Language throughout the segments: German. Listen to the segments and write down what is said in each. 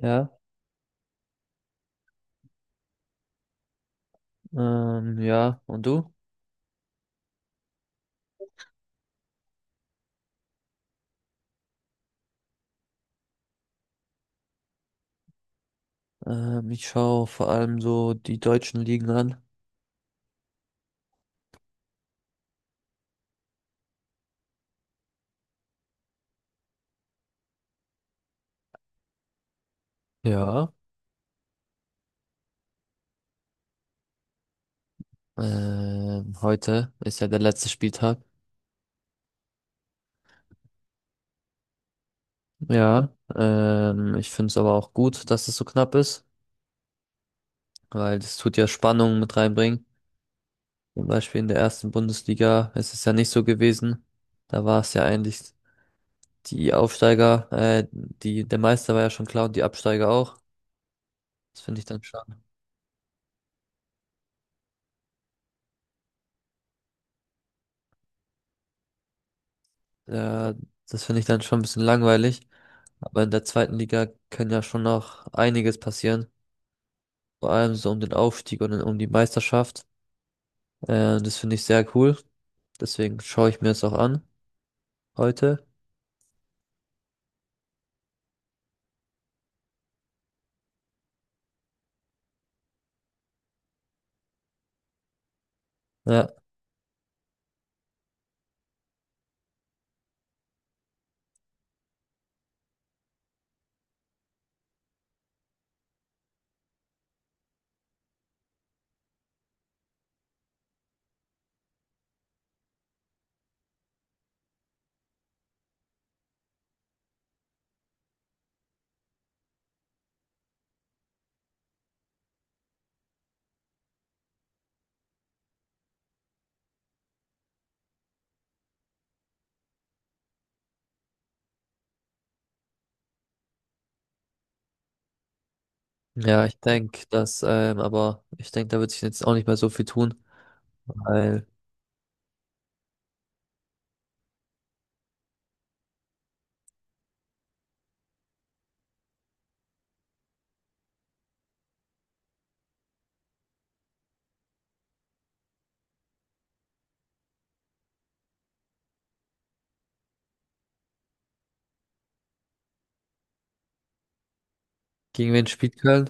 Ja, ja, und du? Ich schaue vor allem so die deutschen Ligen an. Ja. Heute ist ja der letzte Spieltag. Ja, ich finde es aber auch gut, dass es so knapp ist, weil das tut ja Spannung mit reinbringen. Zum Beispiel in der ersten Bundesliga ist es ja nicht so gewesen. Da war es ja eigentlich die Aufsteiger, die, der Meister war ja schon klar und die Absteiger auch. Das finde ich dann schon, äh, das finde ich dann schon ein bisschen langweilig. Aber in der zweiten Liga kann ja schon noch einiges passieren. Vor allem so um den Aufstieg und um die Meisterschaft. Das finde ich sehr cool. Deswegen schaue ich mir das auch an heute. Ja, ja, ich denke, dass da wird sich jetzt auch nicht mehr so viel tun, weil gegen wen spielt Köln?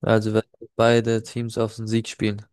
Also wenn beide Teams auf den Sieg spielen.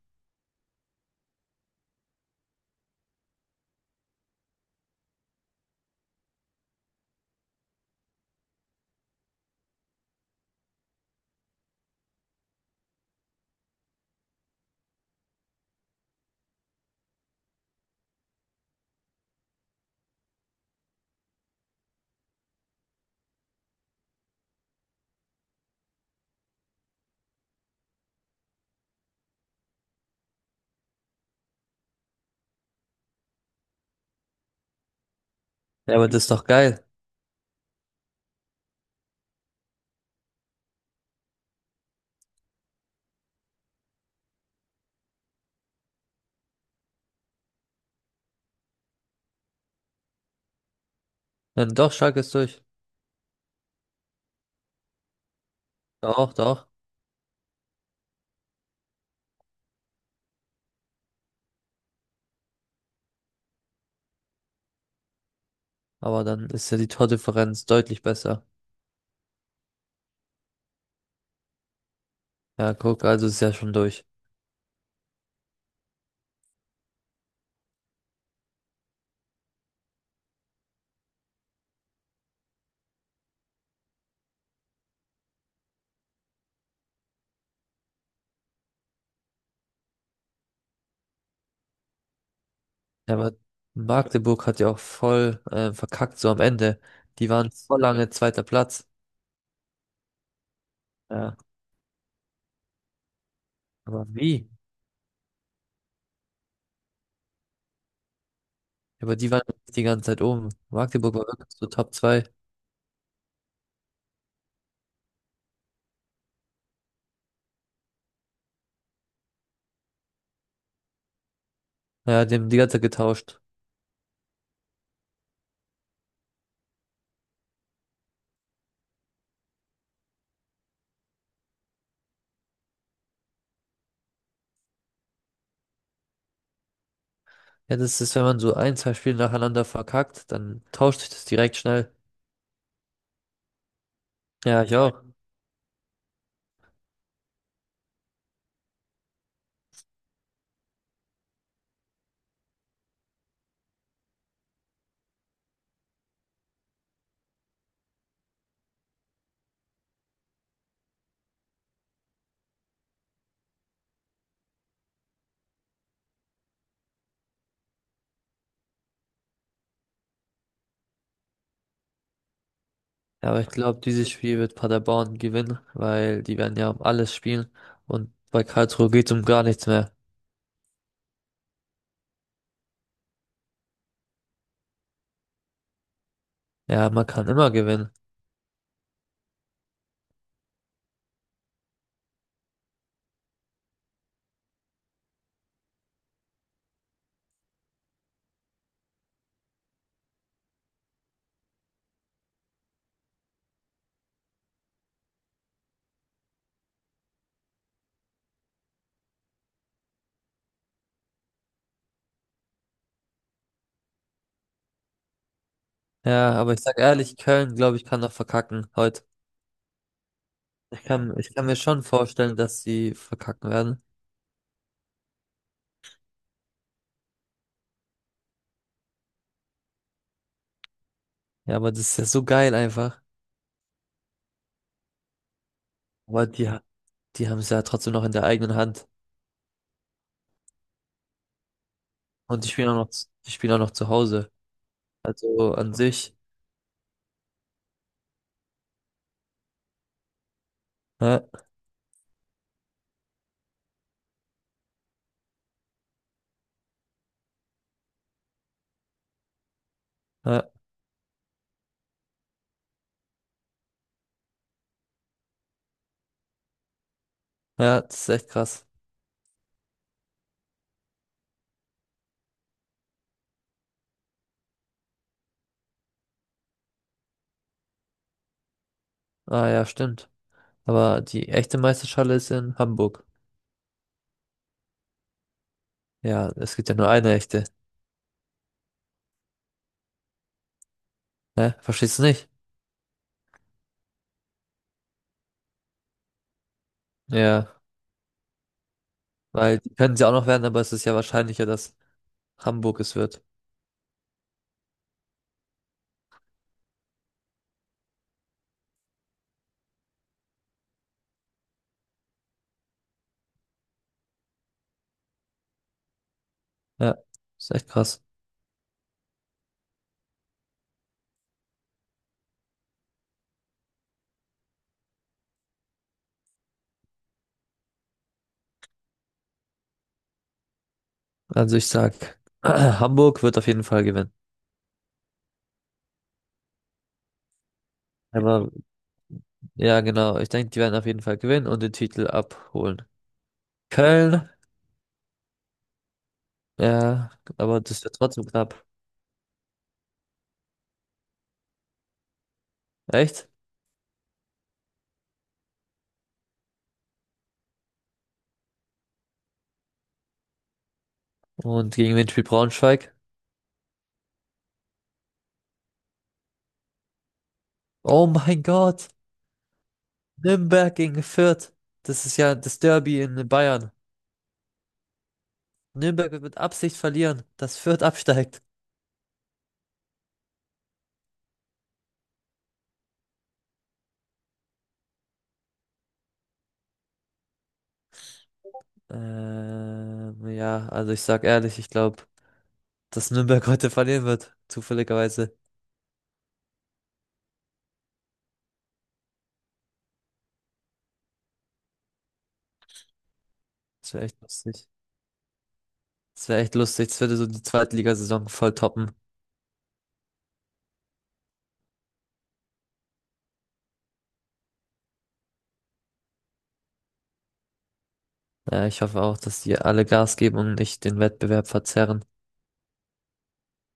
Ja, aber das ist doch geil. Dann doch, Schalke ist durch. Doch, doch. Aber dann ist ja die Tordifferenz deutlich besser. Ja, guck, also ist ja schon durch. Ja, aber Magdeburg hat ja auch voll verkackt, so am Ende. Die waren voll lange zweiter Platz. Ja. Aber wie? Ja, aber die waren die ganze Zeit oben. Magdeburg war wirklich so Top 2. Ja, die haben die ganze Zeit getauscht. Ja, das ist, wenn man so ein, zwei Spiele nacheinander verkackt, dann tauscht sich das direkt schnell. Ja, ich auch. Ja, aber ich glaube, dieses Spiel wird Paderborn gewinnen, weil die werden ja um alles spielen. Und bei Karlsruhe geht's um gar nichts mehr. Ja, man kann immer gewinnen. Ja, aber ich sag ehrlich, Köln, glaube ich, kann noch verkacken heute. Kann, ich kann mir schon vorstellen, dass sie verkacken werden. Ja, aber das ist ja so geil einfach. Aber die haben es ja trotzdem noch in der eigenen Hand. Und die spielen auch noch, die spielen auch noch zu Hause. Also an sich. Ja, ja, ja, das ist echt krass. Ah ja, stimmt. Aber die echte Meisterschale ist in Hamburg. Ja, es gibt ja nur eine echte. Ne? Verstehst du nicht? Ja, weil die können sie auch noch werden, aber es ist ja wahrscheinlicher, dass Hamburg es wird. Ja, ist echt krass. Also ich sag, Hamburg wird auf jeden Fall gewinnen. Aber ja, genau. Ich denke, die werden auf jeden Fall gewinnen und den Titel abholen. Köln, ja, aber das wird trotzdem knapp. Echt? Und gegen wen spielt Braunschweig? Oh mein Gott! Nürnberg gegen Fürth. Das ist ja das Derby in Bayern. Nürnberg wird mit Absicht verlieren, dass Fürth absteigt. Ja, also ich sag ehrlich, ich glaube, dass Nürnberg heute verlieren wird. Zufälligerweise. Das wäre echt lustig. Das wäre echt lustig. Das würde so die Zweitligasaison voll toppen. Ja, ich hoffe auch, dass die alle Gas geben und nicht den Wettbewerb verzerren.